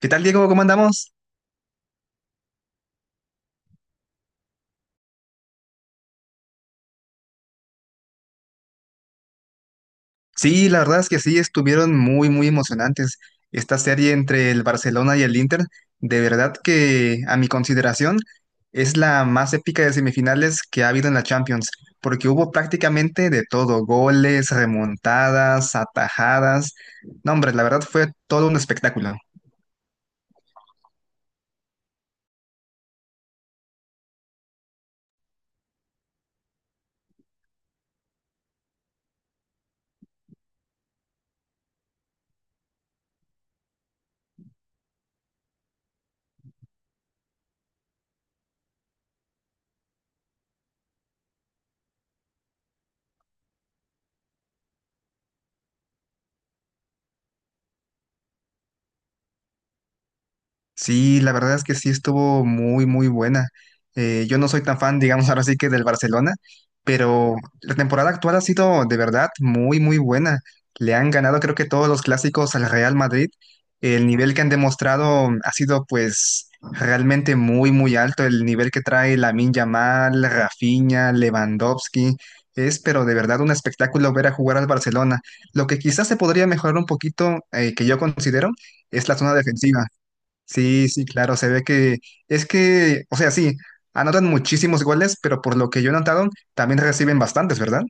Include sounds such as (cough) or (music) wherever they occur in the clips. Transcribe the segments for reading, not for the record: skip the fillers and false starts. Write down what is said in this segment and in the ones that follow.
¿Qué tal, Diego? ¿Cómo andamos? Sí, la verdad es que sí, estuvieron muy, muy emocionantes. Esta serie entre el Barcelona y el Inter, de verdad que a mi consideración es la más épica de semifinales que ha habido en la Champions, porque hubo prácticamente de todo, goles, remontadas, atajadas. No, hombre, la verdad fue todo un espectáculo. Sí, la verdad es que sí estuvo muy, muy buena. Yo no soy tan fan, digamos, (laughs) ahora sí que del Barcelona, pero la temporada actual ha sido de verdad muy, muy buena. Le han ganado creo que todos los clásicos al Real Madrid. El nivel que han demostrado ha sido pues realmente muy, muy alto. El nivel que trae Lamine Yamal, Rafinha, Lewandowski. Es, pero de verdad un espectáculo ver a jugar al Barcelona. Lo que quizás se podría mejorar un poquito, que yo considero, es la zona defensiva. Sí, sí, claro, se ve que es que, o sea, sí, anotan muchísimos goles, pero por lo que yo he notado, también reciben bastantes, ¿verdad?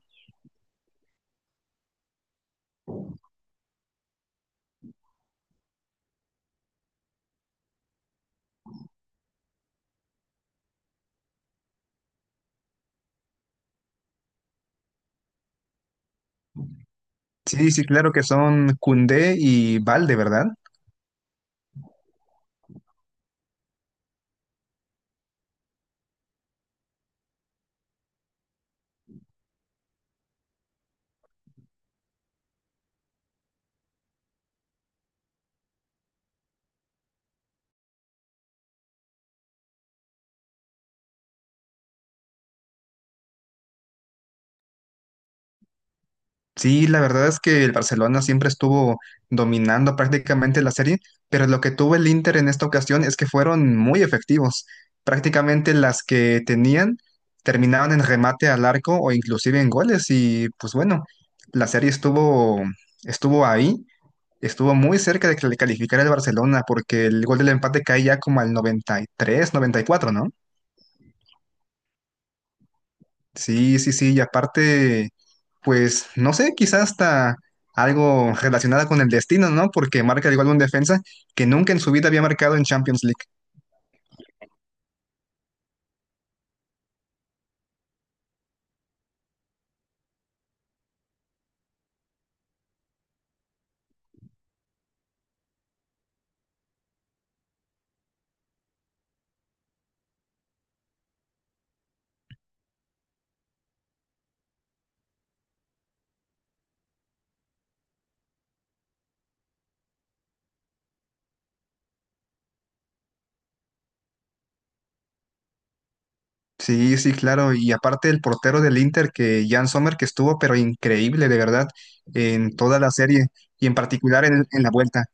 Sí, sí, claro que son Koundé y Valde, ¿verdad? Sí, la verdad es que el Barcelona siempre estuvo dominando prácticamente la serie, pero lo que tuvo el Inter en esta ocasión es que fueron muy efectivos. Prácticamente las que tenían terminaban en remate al arco o inclusive en goles y pues bueno, la serie estuvo ahí. Estuvo muy cerca de que le calificara el Barcelona porque el gol del empate cae ya como al 93, 94, ¿no? Sí, sí, sí, y aparte, pues no sé, quizás hasta algo relacionado con el destino, ¿no? Porque marca igual un defensa que nunca en su vida había marcado en Champions League. Sí, sí, claro, y aparte el portero del Inter, que Jan Sommer, que estuvo pero increíble, de verdad, en toda la serie y en particular en la vuelta.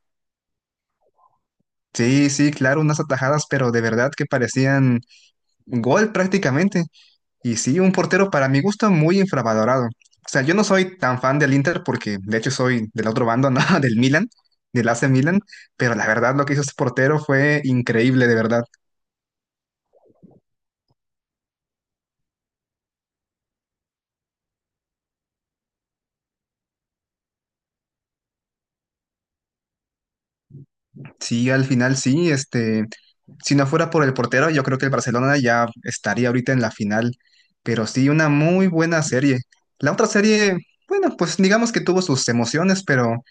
Sí, sí, claro, unas atajadas, pero de verdad que parecían gol prácticamente. Y sí, un portero para mi gusto muy infravalorado. O sea, yo no soy tan fan del Inter porque de hecho soy del otro bando, ¿no? (laughs) Del Milan, del AC Milan, pero la verdad lo que hizo este portero fue increíble, de verdad. Sí, al final sí, este, si no fuera por el portero, yo creo que el Barcelona ya estaría ahorita en la final, pero sí, una muy buena serie. La otra serie, bueno, pues digamos que tuvo sus emociones, pero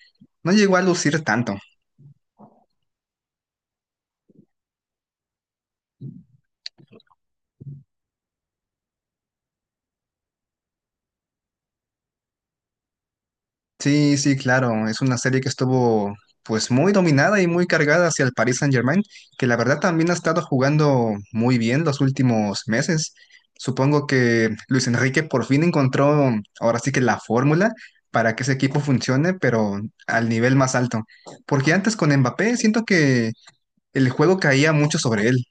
no llegó a lucir tanto. Sí, sí, claro. Es una serie que estuvo pues muy dominada y muy cargada hacia el Paris Saint-Germain, que la verdad también ha estado jugando muy bien los últimos meses. Supongo que Luis Enrique por fin encontró ahora sí que la fórmula para que ese equipo funcione, pero al nivel más alto. Porque antes con Mbappé siento que el juego caía mucho sobre él.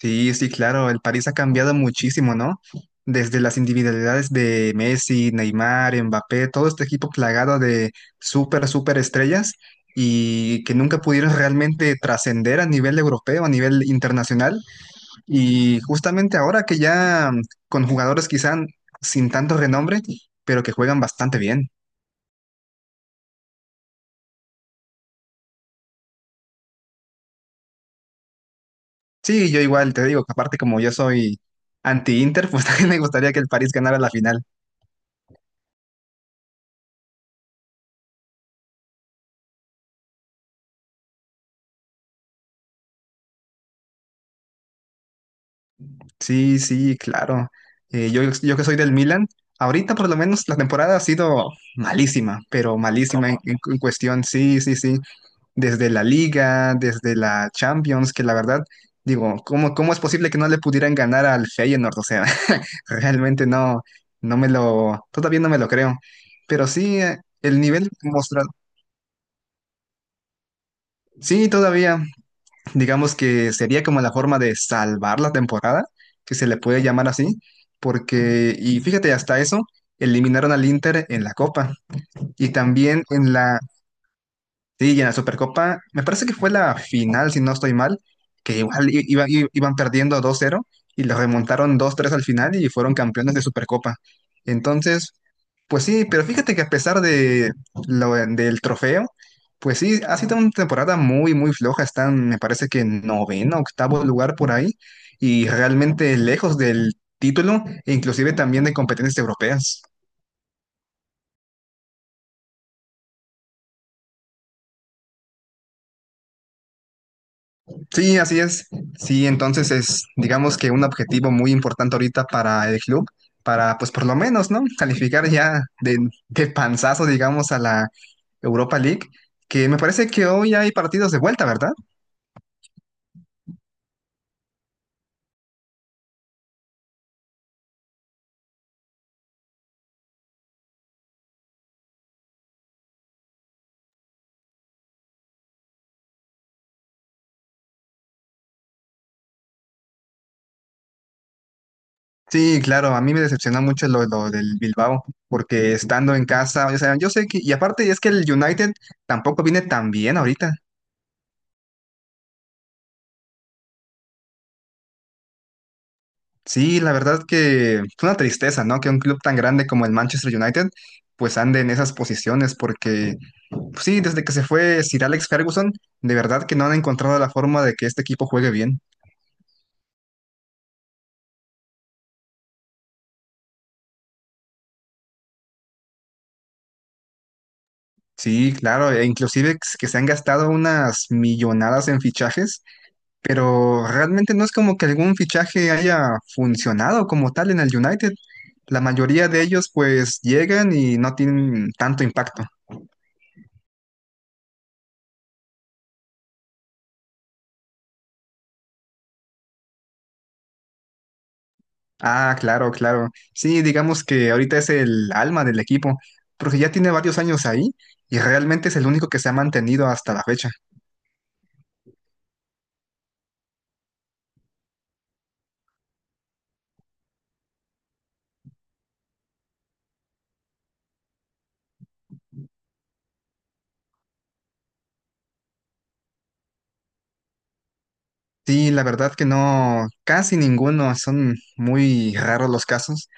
Sí, sí, claro, el París ha cambiado muchísimo, ¿no? Desde las individualidades de Messi, Neymar, Mbappé, todo este equipo plagado de súper, súper estrellas y que nunca pudieron realmente trascender a nivel europeo, a nivel internacional. Y justamente ahora que ya con jugadores quizá sin tanto renombre, pero que juegan bastante bien. Sí, yo igual te digo que aparte como yo soy anti-Inter, pues (laughs) también me gustaría que el París ganara la final. Sí, sí, claro. Yo que soy del Milan, ahorita por lo menos la temporada ha sido malísima, pero malísima en, en cuestión, sí, sí, sí. Desde la Liga, desde la Champions, que la verdad, digo, ¿cómo, cómo es posible que no le pudieran ganar al Feyenoord? O sea, (laughs) realmente no, no me lo, todavía no me lo creo. Pero sí, el nivel mostrado, sí, todavía, digamos que sería como la forma de salvar la temporada, que se le puede llamar así, porque, y fíjate, hasta eso, eliminaron al Inter en la Copa y también en la, sí, y en la Supercopa, me parece que fue la final, si no estoy mal, que igual iban perdiendo 2-0 y lo remontaron 2-3 al final y fueron campeones de Supercopa. Entonces, pues sí, pero fíjate que a pesar de lo, del trofeo, pues sí, ha sido una temporada muy, muy floja. Están, me parece que noveno, octavo lugar por ahí, y realmente lejos del título, e inclusive también de competencias europeas. Sí, así es. Sí, entonces es, digamos que un objetivo muy importante ahorita para el club, para, pues por lo menos, ¿no? Calificar ya de panzazo, digamos, a la Europa League, que me parece que hoy hay partidos de vuelta, ¿verdad? Sí, claro, a mí me decepciona mucho lo del Bilbao, porque estando en casa, o sea, yo sé que, y aparte es que el United tampoco viene tan bien ahorita. Sí, la verdad que es una tristeza, ¿no? Que un club tan grande como el Manchester United, pues ande en esas posiciones, porque pues sí, desde que se fue Sir Alex Ferguson, de verdad que no han encontrado la forma de que este equipo juegue bien. Sí, claro, e inclusive que se han gastado unas millonadas en fichajes, pero realmente no es como que algún fichaje haya funcionado como tal en el United. La mayoría de ellos pues llegan y no tienen tanto impacto. Ah, claro, claro. Sí, digamos que ahorita es el alma del equipo, porque ya tiene varios años ahí y realmente es el único que se ha mantenido hasta la fecha. Sí, la verdad que no, casi ninguno, son muy raros los casos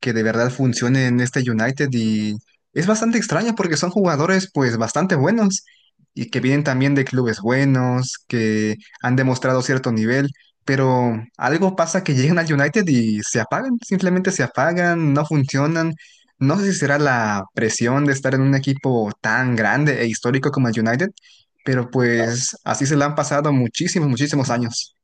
que de verdad funcione en este United, y es bastante extraño porque son jugadores pues bastante buenos y que vienen también de clubes buenos, que han demostrado cierto nivel, pero algo pasa que llegan al United y se apagan, simplemente se apagan, no funcionan. No sé si será la presión de estar en un equipo tan grande e histórico como el United, pero pues así se la han pasado muchísimos, muchísimos años.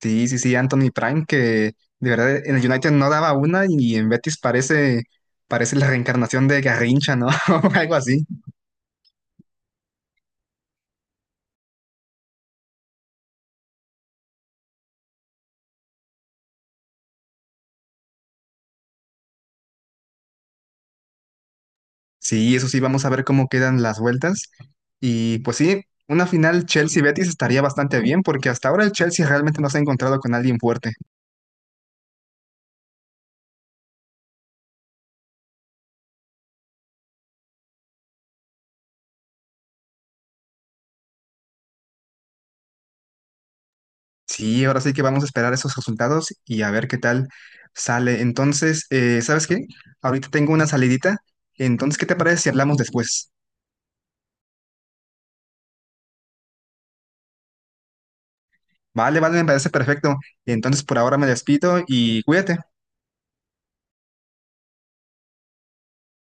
Sí, sí, sí, Anthony Prime, que de verdad en el United no daba una y en Betis parece, parece la reencarnación de Garrincha, ¿no? (laughs) O algo así. Sí, eso sí, vamos a ver cómo quedan las vueltas. Y pues sí, una final Chelsea-Betis estaría bastante bien porque hasta ahora el Chelsea realmente no se ha encontrado con alguien fuerte. Sí, ahora sí que vamos a esperar esos resultados y a ver qué tal sale. Entonces, ¿sabes qué? Ahorita tengo una salidita. Entonces, ¿qué te parece si hablamos después? Vale, vale, me parece perfecto. Entonces por ahora me despido y cuídate.